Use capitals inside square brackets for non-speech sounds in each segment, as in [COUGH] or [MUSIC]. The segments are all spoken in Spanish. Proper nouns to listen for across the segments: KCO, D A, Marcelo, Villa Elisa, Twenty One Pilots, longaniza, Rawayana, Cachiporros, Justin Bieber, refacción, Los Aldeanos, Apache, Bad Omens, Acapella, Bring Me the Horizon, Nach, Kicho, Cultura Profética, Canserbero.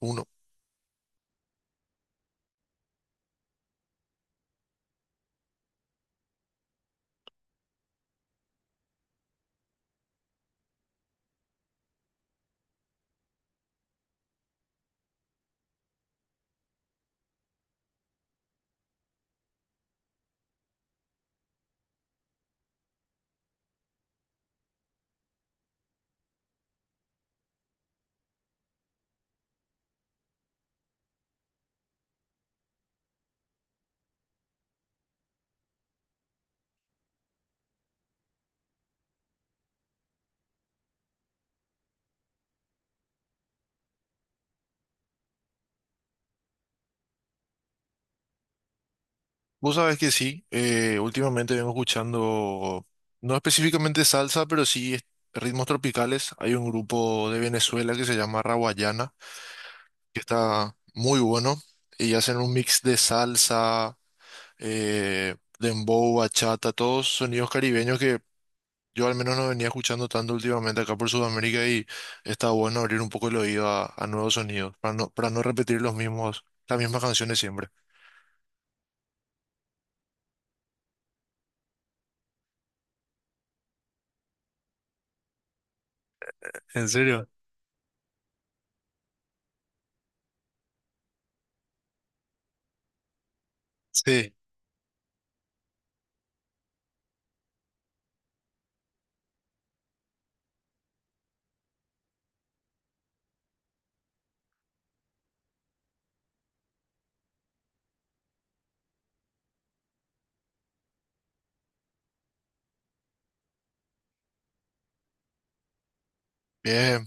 Uno. Vos sabés que sí, últimamente vengo escuchando, no específicamente salsa, pero sí ritmos tropicales. Hay un grupo de Venezuela que se llama Rawayana, que está muy bueno, y hacen un mix de salsa, dembow, bachata, todos sonidos caribeños que yo al menos no venía escuchando tanto últimamente acá por Sudamérica y está bueno abrir un poco el oído a nuevos sonidos, para no repetir los mismos, las mismas canciones siempre. ¿En serio? Sí. Bien.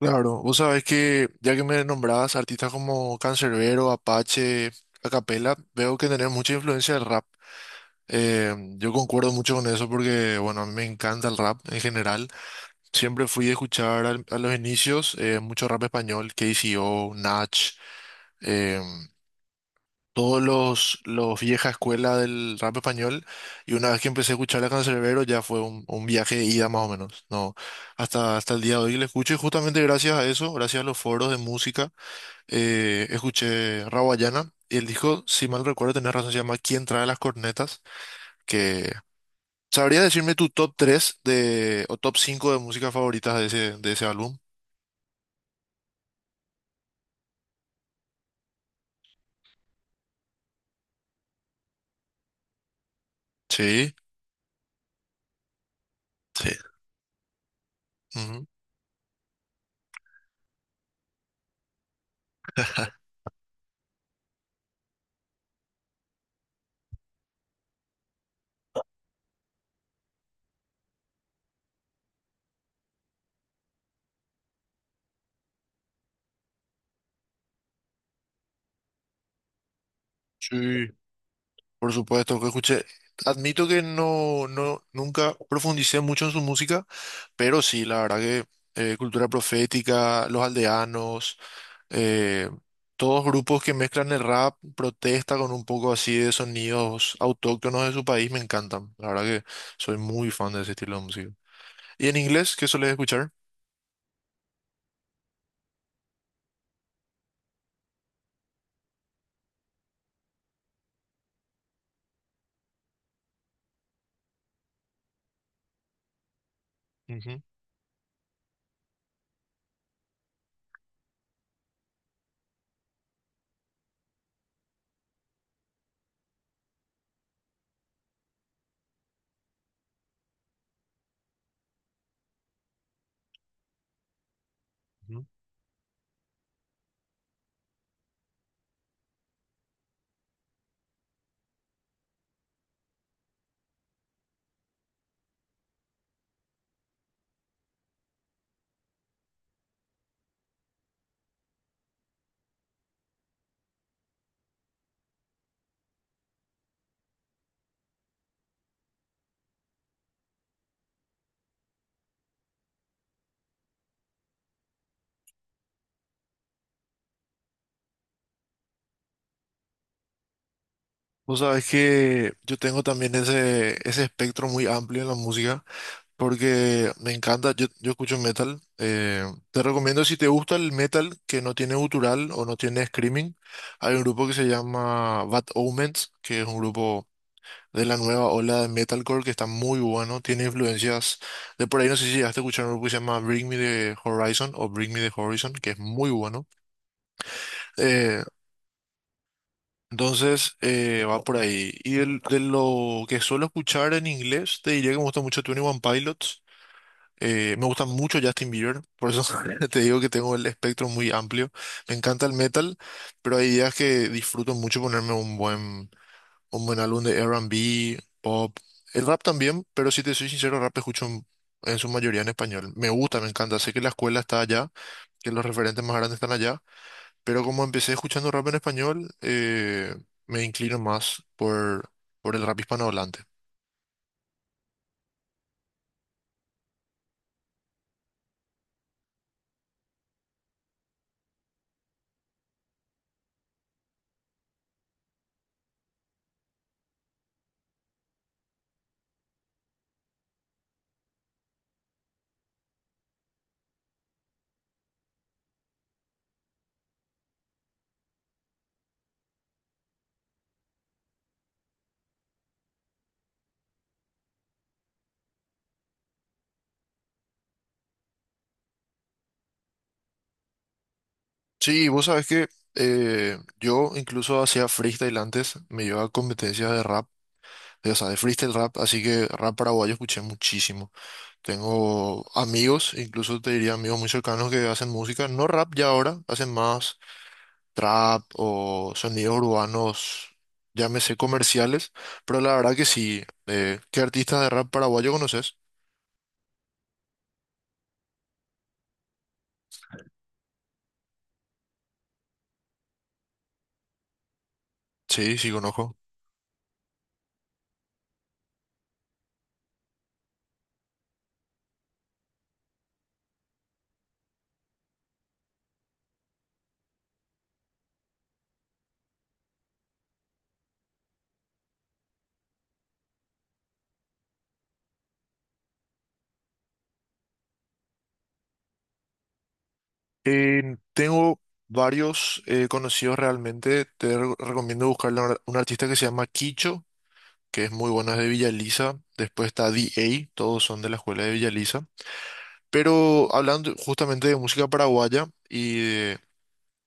Claro, vos sabés que ya que me nombrabas artistas como Canserbero, Apache, Acapella, veo que tenés mucha influencia del rap. Yo concuerdo mucho con eso porque, bueno, a mí me encanta el rap en general. Siempre fui a escuchar a los inicios mucho rap español, KCO, Nach, eh, todos los vieja escuela del rap español. Y una vez que empecé a escuchar a Canserbero ya fue un viaje de ida más o menos, ¿no? Hasta el día de hoy le escucho y justamente gracias a eso, gracias a los foros de música escuché Rawayana y él dijo, si mal recuerdo, tenés razón, se llama ¿Quién trae las cornetas? Que sabría decirme tu top 3 de, o top 5 de música favoritas de ese álbum. Sí, sí. Ujú. Sí, por supuesto que escuché. Admito que nunca profundicé mucho en su música, pero sí, la verdad que Cultura Profética, Los Aldeanos, eh, todos grupos que mezclan el rap, protesta con un poco así de sonidos autóctonos de su país, me encantan. La verdad que soy muy fan de ese estilo de música. ¿Y en inglés, qué sueles escuchar? Ujú, ujú. Vos sabés que yo tengo también ese espectro muy amplio en la música, porque me encanta, yo escucho metal. Te recomiendo si te gusta el metal que no tiene gutural o no tiene screaming, hay un grupo que se llama Bad Omens, que es un grupo de la nueva ola de metalcore que está muy bueno, tiene influencias de por ahí, no sé si llegaste a escuchar un grupo que se llama Bring Me the Horizon o Bring Me the Horizon, que es muy bueno. Eh, entonces va por ahí. Y de lo que suelo escuchar en inglés, te diría que me gusta mucho Twenty One Pilots. Me gusta mucho Justin Bieber, por eso [LAUGHS] te digo que tengo el espectro muy amplio. Me encanta el metal, pero hay días que disfruto mucho ponerme un buen álbum de R&B, pop. El rap también, pero si te soy sincero, rap escucho en su mayoría en español. Me gusta, me encanta. Sé que la escuela está allá, que los referentes más grandes están allá, pero como empecé escuchando rap en español, me inclino más por el rap hispanohablante. Sí, vos sabés que yo incluso hacía freestyle antes, me llevaba a competencias de rap, o sea, de freestyle rap, así que rap paraguayo escuché muchísimo. Tengo amigos, incluso te diría amigos muy cercanos que hacen música, no rap ya ahora, hacen más trap o sonidos urbanos, llámese comerciales, pero la verdad que sí. ¿Qué artistas de rap paraguayo conoces? Sí, sí conozco. Tengo varios conocidos realmente, te recomiendo buscar un artista que se llama Kicho, que es muy bueno, es de Villa Elisa, después está D A, todos son de la escuela de Villa Elisa. Pero hablando justamente de música paraguaya y de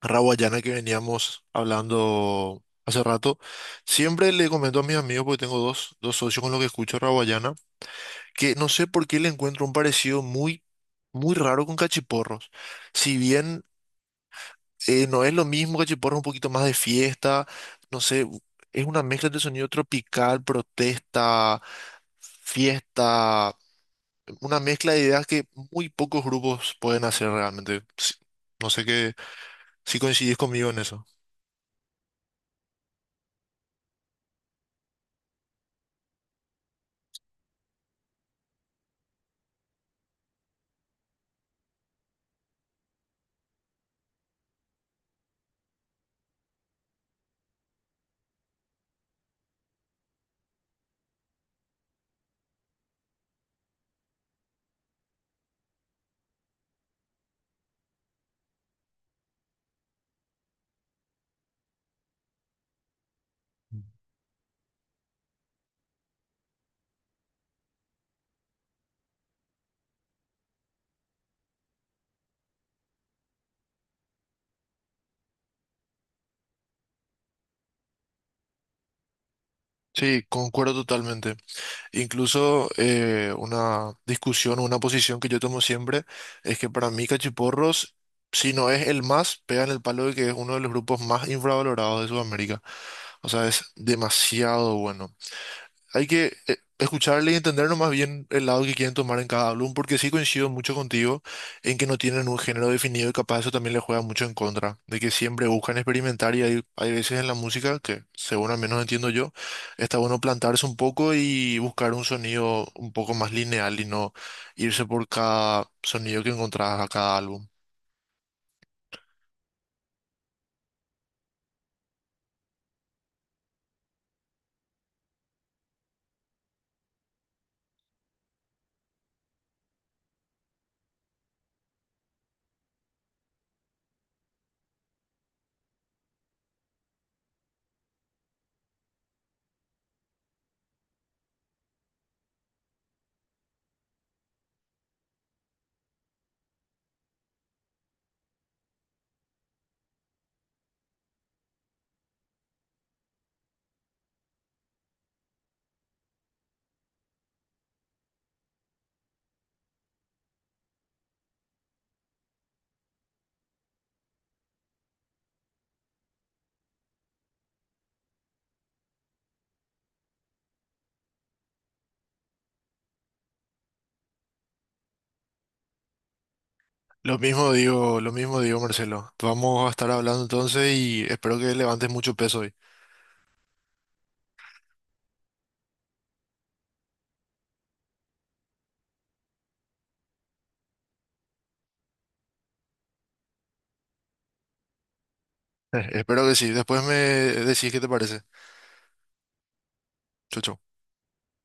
raguayana que veníamos hablando hace rato, siempre le comento a mis amigos, porque tengo dos socios con los que escucho raguayana, que no sé por qué le encuentro un parecido muy raro con cachiporros. Si bien no es lo mismo, cachiporros es un poquito más de fiesta, no sé, es una mezcla de sonido tropical, protesta, fiesta una mezcla de ideas que muy pocos grupos pueden hacer realmente. No sé qué, si coincidís conmigo en eso. Sí, concuerdo totalmente. Incluso una discusión o una posición que yo tomo siempre es que para mí Cachiporros, si no es el más, pega en el palo de que es uno de los grupos más infravalorados de Sudamérica. O sea, es demasiado bueno. Hay que escucharle y entendernos más bien el lado que quieren tomar en cada álbum, porque sí coincido mucho contigo en que no tienen un género definido y capaz eso también les juega mucho en contra, de que siempre buscan experimentar y hay veces en la música que, según al menos entiendo yo, está bueno plantarse un poco y buscar un sonido un poco más lineal y no irse por cada sonido que encontrás a cada álbum. Lo mismo digo, Marcelo. Vamos a estar hablando entonces y espero que levantes mucho peso hoy. [LAUGHS] Espero que sí. Después me decís qué te parece. Chau, chau.